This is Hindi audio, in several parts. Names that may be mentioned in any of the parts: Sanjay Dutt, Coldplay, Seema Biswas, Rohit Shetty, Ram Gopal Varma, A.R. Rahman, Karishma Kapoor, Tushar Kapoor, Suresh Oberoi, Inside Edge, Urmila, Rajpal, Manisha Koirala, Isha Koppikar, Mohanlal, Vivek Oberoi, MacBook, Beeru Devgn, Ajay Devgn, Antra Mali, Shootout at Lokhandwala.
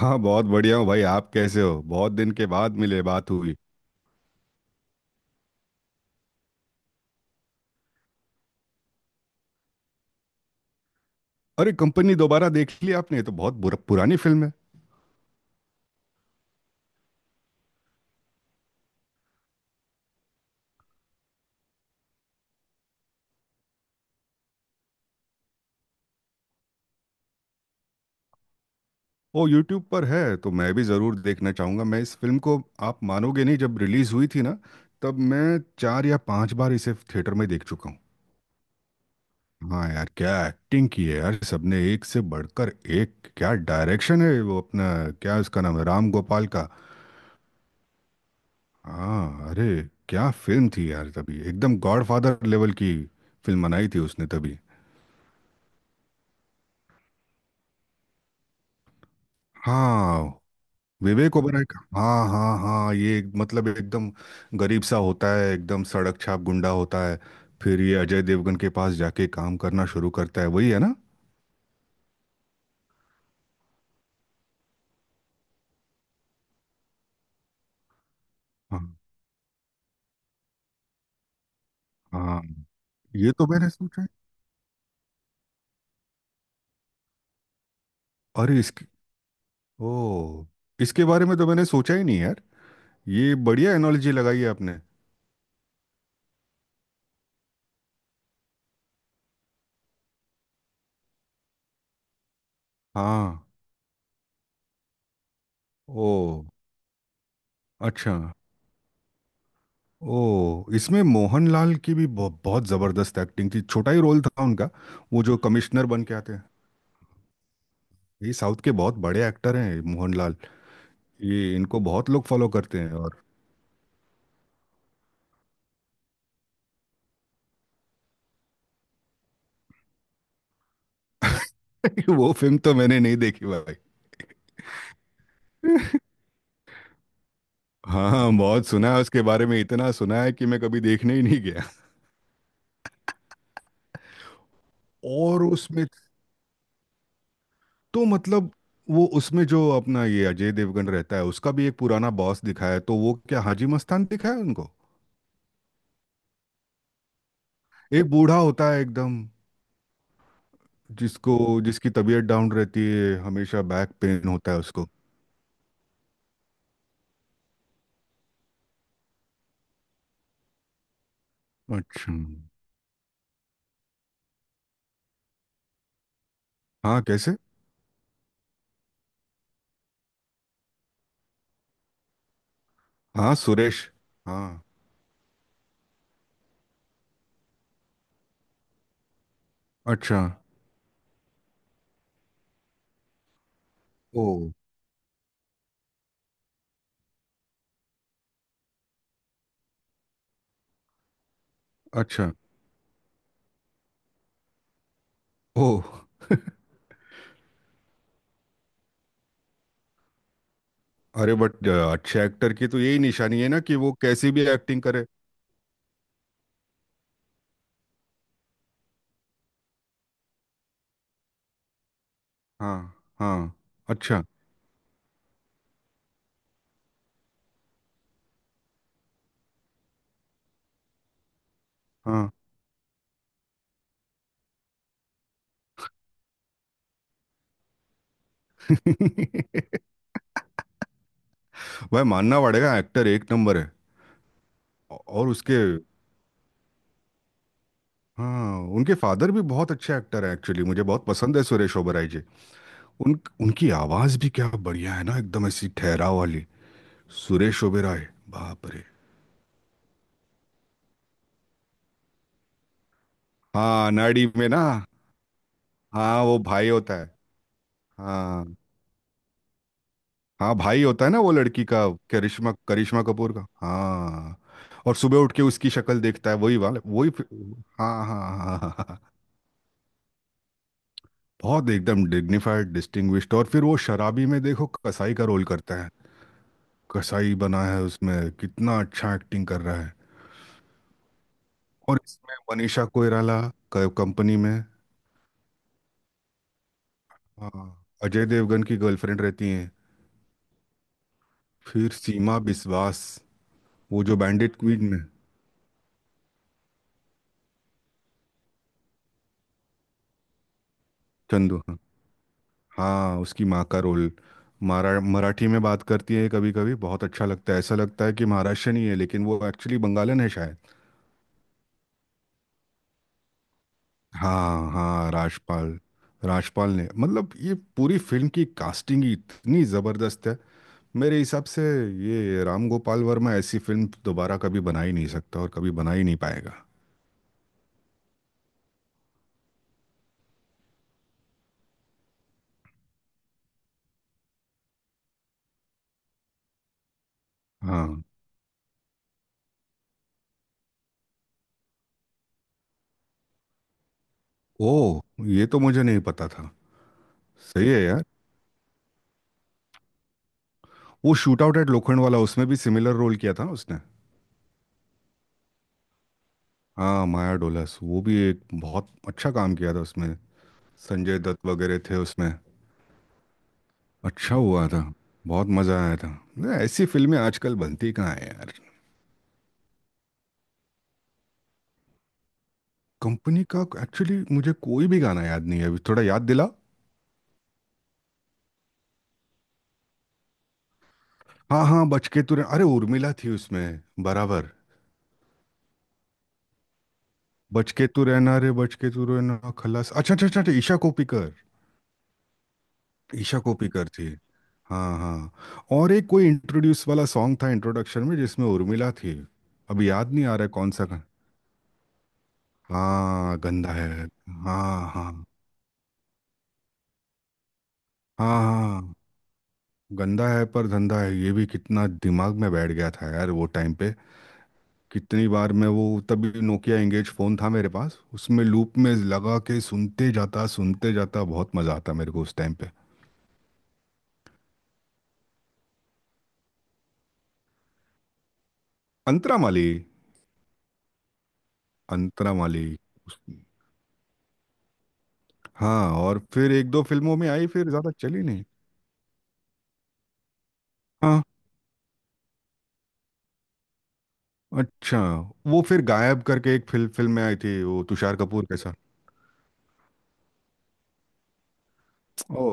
हाँ, बहुत बढ़िया हूँ भाई। आप कैसे हो? बहुत दिन के बाद मिले, बात हुई। अरे, कंपनी दोबारा देख ली आपने? ये तो बहुत बुरा, पुरानी फिल्म है। वो यूट्यूब पर है तो मैं भी ज़रूर देखना चाहूँगा मैं इस फिल्म को। आप मानोगे नहीं, जब रिलीज़ हुई थी ना, तब मैं चार या पांच बार इसे थिएटर में देख चुका हूँ। हाँ यार, क्या एक्टिंग की है यार, सबने एक से बढ़कर एक। क्या डायरेक्शन है वो अपना, क्या उसका नाम है, राम गोपाल का। हाँ, अरे क्या फिल्म थी यार, तभी एकदम गॉडफादर लेवल की फिल्म बनाई थी उसने तभी। हाँ, विवेक ओबराय का, हाँ हाँ हाँ, ये मतलब एकदम गरीब सा होता है, एकदम सड़क छाप गुंडा होता है। फिर ये अजय देवगन के पास जाके काम करना शुरू करता है, वही है ना। हाँ हाँ, ये तो मैंने सोचा है। अरे इसकी, ओ, इसके बारे में तो मैंने सोचा ही नहीं यार। ये बढ़िया एनालॉजी लगाई है आपने। हाँ। ओ अच्छा। ओ, इसमें मोहनलाल की भी बहुत जबरदस्त एक्टिंग थी, छोटा ही रोल था उनका। वो जो कमिश्नर बन के आते हैं, ये साउथ के बहुत बड़े एक्टर हैं मोहनलाल। ये इनको बहुत लोग फॉलो करते हैं और वो फिल्म तो मैंने नहीं देखी भाई। हाँ, बहुत सुना है उसके बारे में, इतना सुना है कि मैं कभी देखने ही नहीं गया। और उसमें, तो मतलब, वो उसमें जो अपना ये अजय देवगन रहता है, उसका भी एक पुराना बॉस दिखाया है, तो वो क्या हाजी मस्तान दिखाया है उनको। एक बूढ़ा होता है एकदम, जिसको, जिसकी तबीयत डाउन रहती है, हमेशा बैक पेन होता है उसको। अच्छा। हाँ कैसे। हाँ सुरेश। हाँ। अच्छा। ओ। अच्छा। ओ। अरे बट अच्छे एक्टर की तो यही निशानी है ना कि वो कैसी भी एक्टिंग करे। हाँ हाँ। अच्छा। हाँ। भाई मानना पड़ेगा, एक्टर एक नंबर है। और उसके, हाँ, उनके फादर भी बहुत अच्छे एक्टर हैं, एक्चुअली मुझे बहुत पसंद है सुरेश ओबेरॉय जी। उन उनकी आवाज़ भी क्या बढ़िया है ना, एकदम ऐसी ठहराव वाली। सुरेश ओबेरॉय, बाप रे। हाँ, नाड़ी में ना। हाँ वो भाई होता है। हाँ हाँ, भाई होता है ना वो लड़की का, करिश्मा, करिश्मा कपूर का, हाँ। और सुबह उठ के उसकी शक्ल देखता है, वही वाला वही हाँ हाँ हाँ हाँ हाँ। बहुत एकदम डिग्निफाइड, डिस्टिंग्विश्ड। और फिर वो शराबी में देखो, कसाई का रोल करता है। कसाई बना है उसमें, कितना अच्छा एक्टिंग कर रहा है। और इसमें मनीषा कोइराला, कंपनी में। हाँ, अजय देवगन की गर्लफ्रेंड रहती है। फिर सीमा बिस्वास, वो जो बैंडिट क्वीन में। चंदू, हाँ उसकी माँ का रोल। मारा मराठी में बात करती है कभी कभी, बहुत अच्छा लगता है, ऐसा लगता है कि महाराष्ट्रियन ही है, लेकिन वो एक्चुअली बंगालन है शायद। हाँ हाँ, राजपाल। राजपाल ने, मतलब ये पूरी फिल्म की कास्टिंग ही इतनी ज़बरदस्त है मेरे हिसाब से। ये राम गोपाल वर्मा ऐसी फिल्म दोबारा कभी बना ही नहीं सकता और कभी बना ही नहीं पाएगा। हाँ। ओ, ये तो मुझे नहीं पता था। सही है यार। वो shoot out at Lokhandwala, उसमें भी सिमिलर रोल किया था उसने। हाँ माया डोलस, वो भी एक बहुत अच्छा काम किया था उसमें। संजय दत्त वगैरह थे उसमें। अच्छा हुआ था, बहुत मज़ा आया था। नहीं, ऐसी फिल्में आजकल बनती कहाँ है यार। कंपनी का एक्चुअली मुझे कोई भी गाना याद नहीं है, अभी थोड़ा याद दिला। हाँ हाँ, बच के तू रहना, अरे उर्मिला थी उसमें। बराबर, बच के तू रहना रे बच के तू रहना खलास। अच्छा अच्छा अच्छा अच्छा, ईशा कोप्पिकर। ईशा कोप्पिकर थी। हाँ हाँ, और एक कोई इंट्रोड्यूस वाला सॉन्ग था, इंट्रोडक्शन में जिसमें उर्मिला थी। अभी याद नहीं आ रहा है कौन सा। हाँ, गंदा है। हाँ हाँ हाँ हाँ, गंदा है पर धंधा है, ये भी कितना दिमाग में बैठ गया था यार वो टाइम पे। कितनी बार मैं वो, तभी नोकिया एंगेज फ़ोन था मेरे पास, उसमें लूप में लगा के सुनते जाता सुनते जाता, बहुत मज़ा आता मेरे को उस टाइम पे। अंतरा माली। अंतरा माली। उस- हाँ और फिर एक दो फिल्मों में आई, फिर ज़्यादा चली नहीं। हाँ। अच्छा। वो फिर गायब करके एक फिल्म फिल्म में आई थी वो तुषार कपूर के साथ। ओ,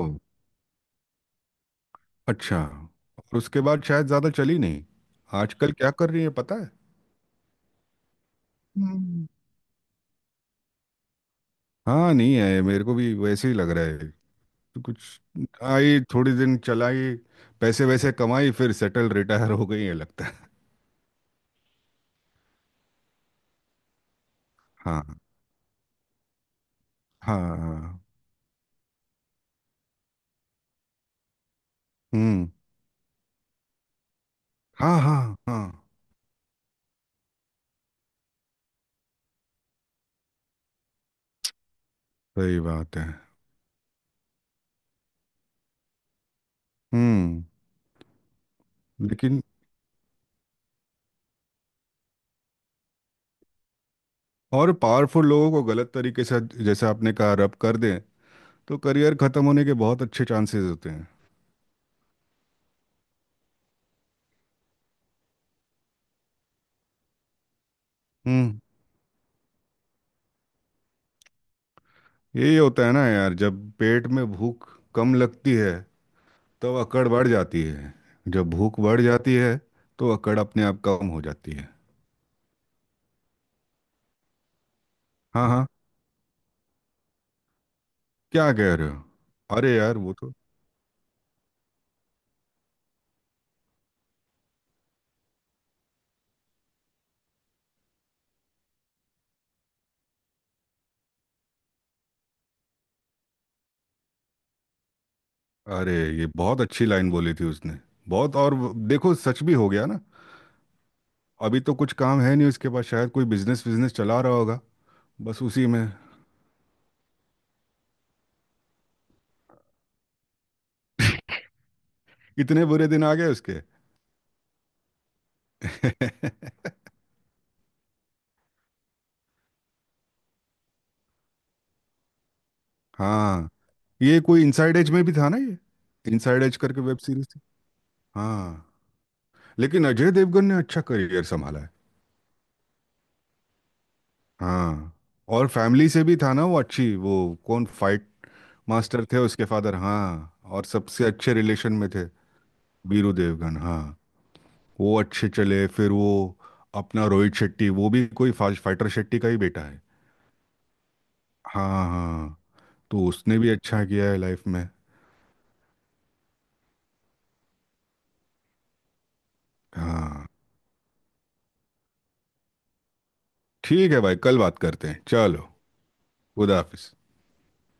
अच्छा। और उसके बाद शायद ज़्यादा चली नहीं। आजकल क्या कर रही है पता है? हम्म, हाँ नहीं है, मेरे को भी वैसे ही लग रहा है। तो कुछ, आई, थोड़ी दिन चलाई, पैसे वैसे कमाई, फिर सेटल रिटायर हो गई है लगता है। हाँ हाँ हाँ, हम्म, हाँ हाँ हाँ। सही बात है। हम्म। लेकिन, और पावरफुल लोगों को गलत तरीके से, जैसे आपने कहा, रब कर दें, तो करियर खत्म होने के बहुत अच्छे चांसेस होते हैं। हम्म। यही होता है ना यार, जब पेट में भूख कम लगती है, तब अकड़ बढ़ जाती है। जब भूख बढ़ जाती है, तो अकड़ अपने आप कम हो जाती है। हाँ हाँ। क्या कह रहे हो? अरे यार वो तो, अरे ये बहुत अच्छी लाइन बोली थी उसने, बहुत। और देखो, सच भी हो गया ना। अभी तो कुछ काम है नहीं उसके पास, शायद कोई बिजनेस बिजनेस चला रहा होगा। बस उसी में, इतने बुरे दिन आ गए उसके। हाँ, ये कोई इनसाइड एज में भी था ना ये। इनसाइड एज करके वेब सीरीज थी। हाँ, लेकिन अजय देवगन ने अच्छा करियर संभाला है। हाँ, और फैमिली से भी था ना वो अच्छी, वो कौन, फाइट मास्टर थे उसके फादर, हाँ, और सबसे अच्छे रिलेशन में थे। बीरू देवगन, हाँ। वो अच्छे चले फिर वो। अपना रोहित शेट्टी वो भी कोई फाइटर शेट्टी का ही बेटा है। हाँ हाँ। तो उसने भी अच्छा किया है लाइफ में। हाँ, ठीक है भाई, कल बात करते हैं, चलो। खुदा हाफिज।